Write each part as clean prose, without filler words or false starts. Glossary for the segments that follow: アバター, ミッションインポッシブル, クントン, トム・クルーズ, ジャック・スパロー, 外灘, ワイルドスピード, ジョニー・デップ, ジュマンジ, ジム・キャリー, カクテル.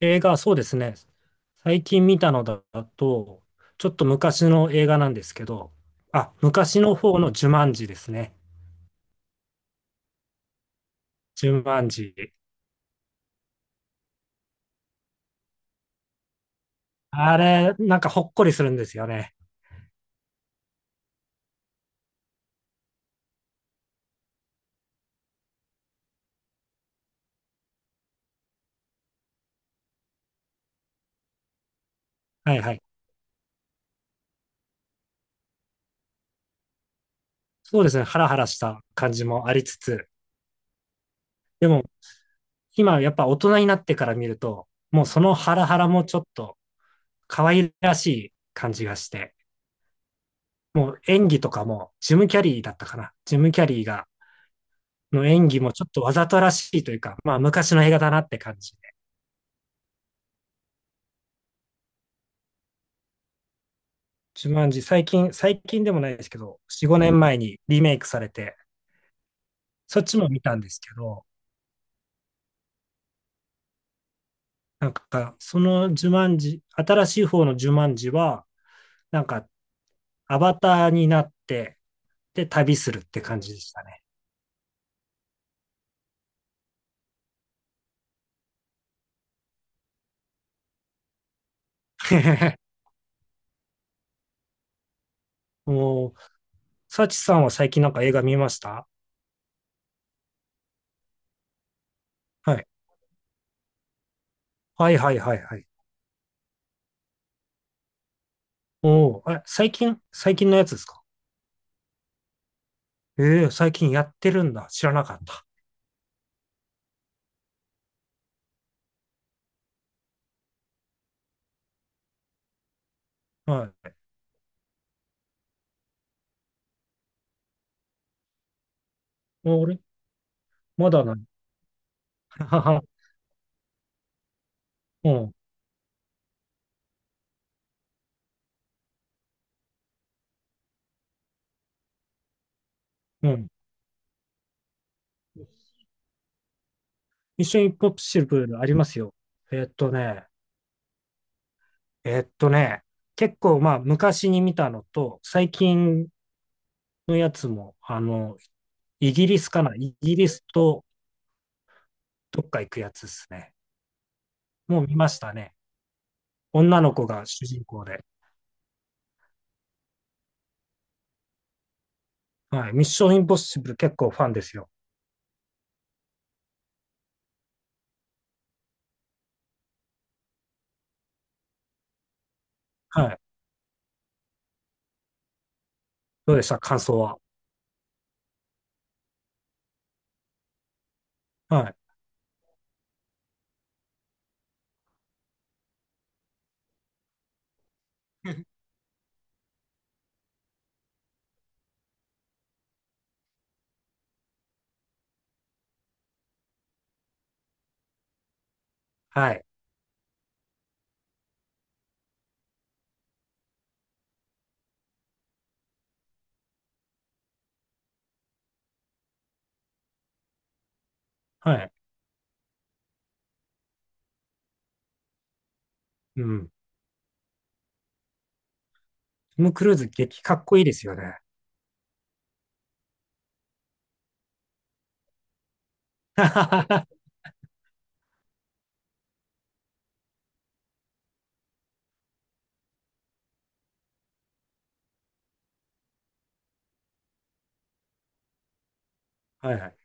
映画、そうですね。最近見たのだと、ちょっと昔の映画なんですけど、あ、昔の方のジュマンジですね。ジュマンジ。あれ、なんかほっこりするんですよね。はいはい。そうですね。ハラハラした感じもありつつ、でも今やっぱ大人になってから見ると、もうそのハラハラもちょっと可愛らしい感じがして、もう演技とかもジム・キャリーだったかな。ジム・キャリーが、の演技もちょっとわざとらしいというか、まあ昔の映画だなって感じ。ジュマンジ、最近、最近でもないですけど、4、5年前にリメイクされて、そっちも見たんですけど、なんか、そのジュマンジ、新しい方のジュマンジは、なんか、アバターになって、で、旅するって感じでしたね。おー、サチさんは最近なんか映画見ました？はい。はいはいはいはい。おー、あ、最近のやつですか？ええー、最近やってるんだ。知らなかった。はい。お、俺、まだない。はは。うん、うん。ミッションインポッシブルありますよ。えっとね、えっとね、結構まあ昔に見たのと、最近のやつも、イギリスかなイギリスとどっか行くやつですね。もう見ましたね。女の子が主人公で。はい。ミッションインポッシブル結構ファンですよ。はい。どうでした、感想は？はい。はい。はい。うん。トム・クルーズ激かっこいいですよね。はいはい。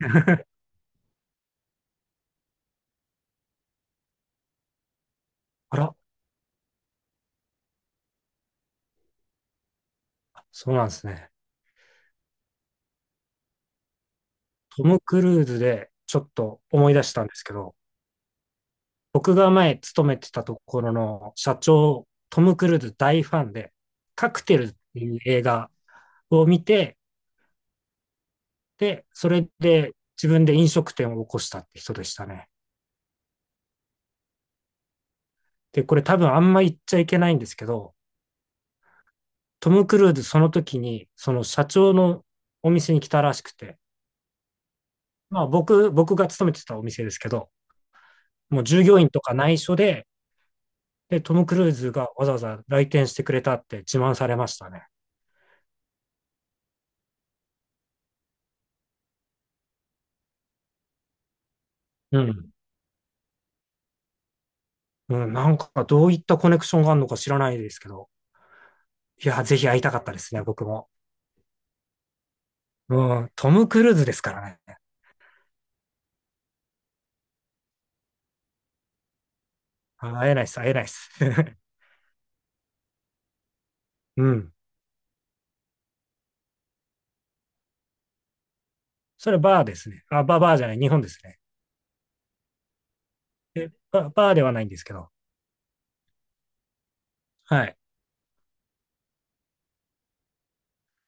あら、そうなんですね。トム・クルーズでちょっと思い出したんですけど、僕が前勤めてたところの社長、トム・クルーズ大ファンで、カクテルっていう映画を見て、で、それで自分で飲食店を起こしたって人でしたね。で、これ多分あんま言っちゃいけないんですけど、トム・クルーズその時に、その社長のお店に来たらしくて、まあ僕が勤めてたお店ですけど、もう従業員とか内緒で、トム・クルーズがわざわざ来店してくれたって自慢されましたね。うん。うん、なんかどういったコネクションがあるのか知らないですけど、いや、ぜひ会いたかったですね、僕も。うん、トム・クルーズですからね。あ、会えないです、会えないです。うん。それバーですね。あ、バー、バーじゃない、日本ですね。バーではないんですけど。はい。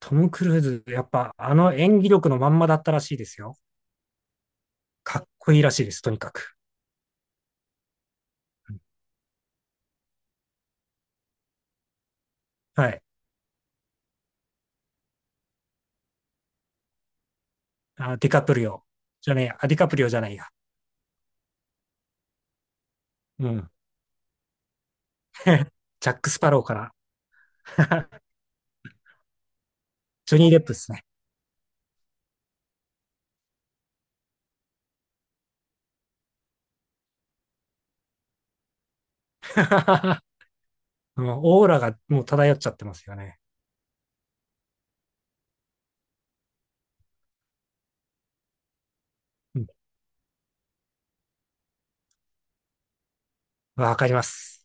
トム・クルーズ、やっぱあの演技力のまんまだったらしいですよ。かっこいいらしいです、とにかく。はい。あ、ディカプリオ。じゃねえや、あ、ディカプリオじゃないや。うん。ジャック・スパローから ジョニー・デップですね。もうオーラがもう漂っちゃってますよね。うん。わかります。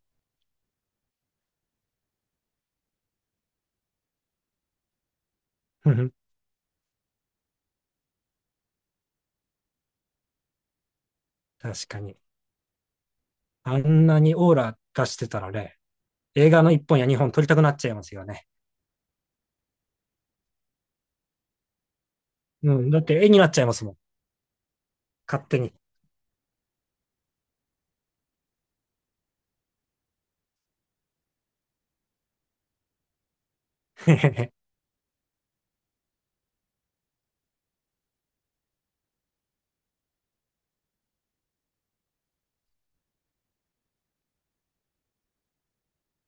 うん、確かに。あんなにオーラ出してたらね、映画の1本や2本撮りたくなっちゃいますよね。うん。だって絵になっちゃいますもん。勝手に。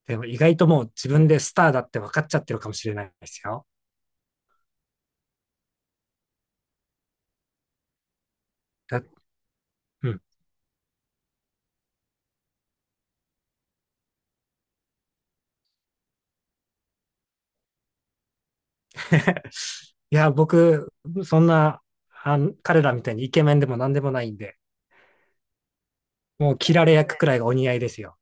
でも意外ともう自分でスターだって分かっちゃってるかもしれないですよ。だうん。いや、僕、そんな、彼らみたいにイケメンでも何でもないんで、もう切られ役くらいがお似合いですよ。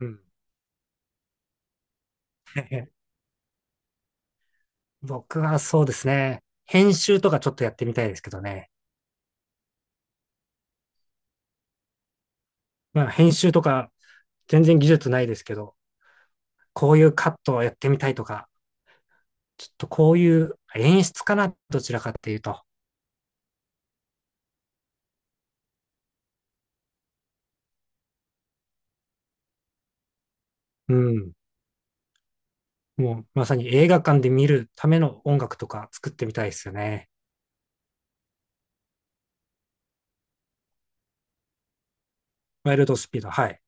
うん。え僕はそうですね。編集とかちょっとやってみたいですけどね。まあ編集とか全然技術ないですけど、こういうカットをやってみたいとか、ちょっとこういう演出かな、どちらかっていうと。うん。もうまさに映画館で見るための音楽とか作ってみたいですよね。ワイルドスピード、はい。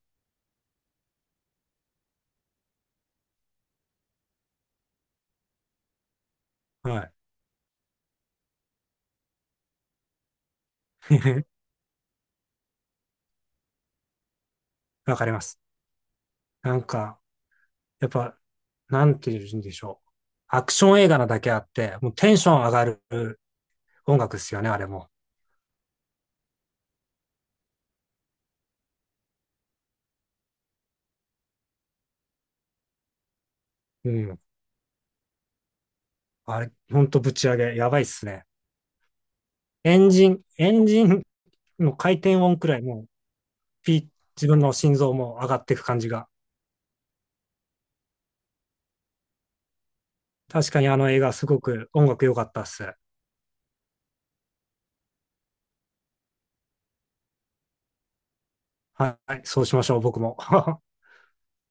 はい。わかります。なんか、やっぱ、なんて言うんでしょう。アクション映画なだけあって、もうテンション上がる音楽ですよね、あれも。うん。あれ、ほんとぶち上げ、やばいっすね。エンジンの回転音くらいもう、ピー、自分の心臓も上がっていく感じが。確かにあの映画すごく音楽良かったっす。はい、そうしましょう、僕も。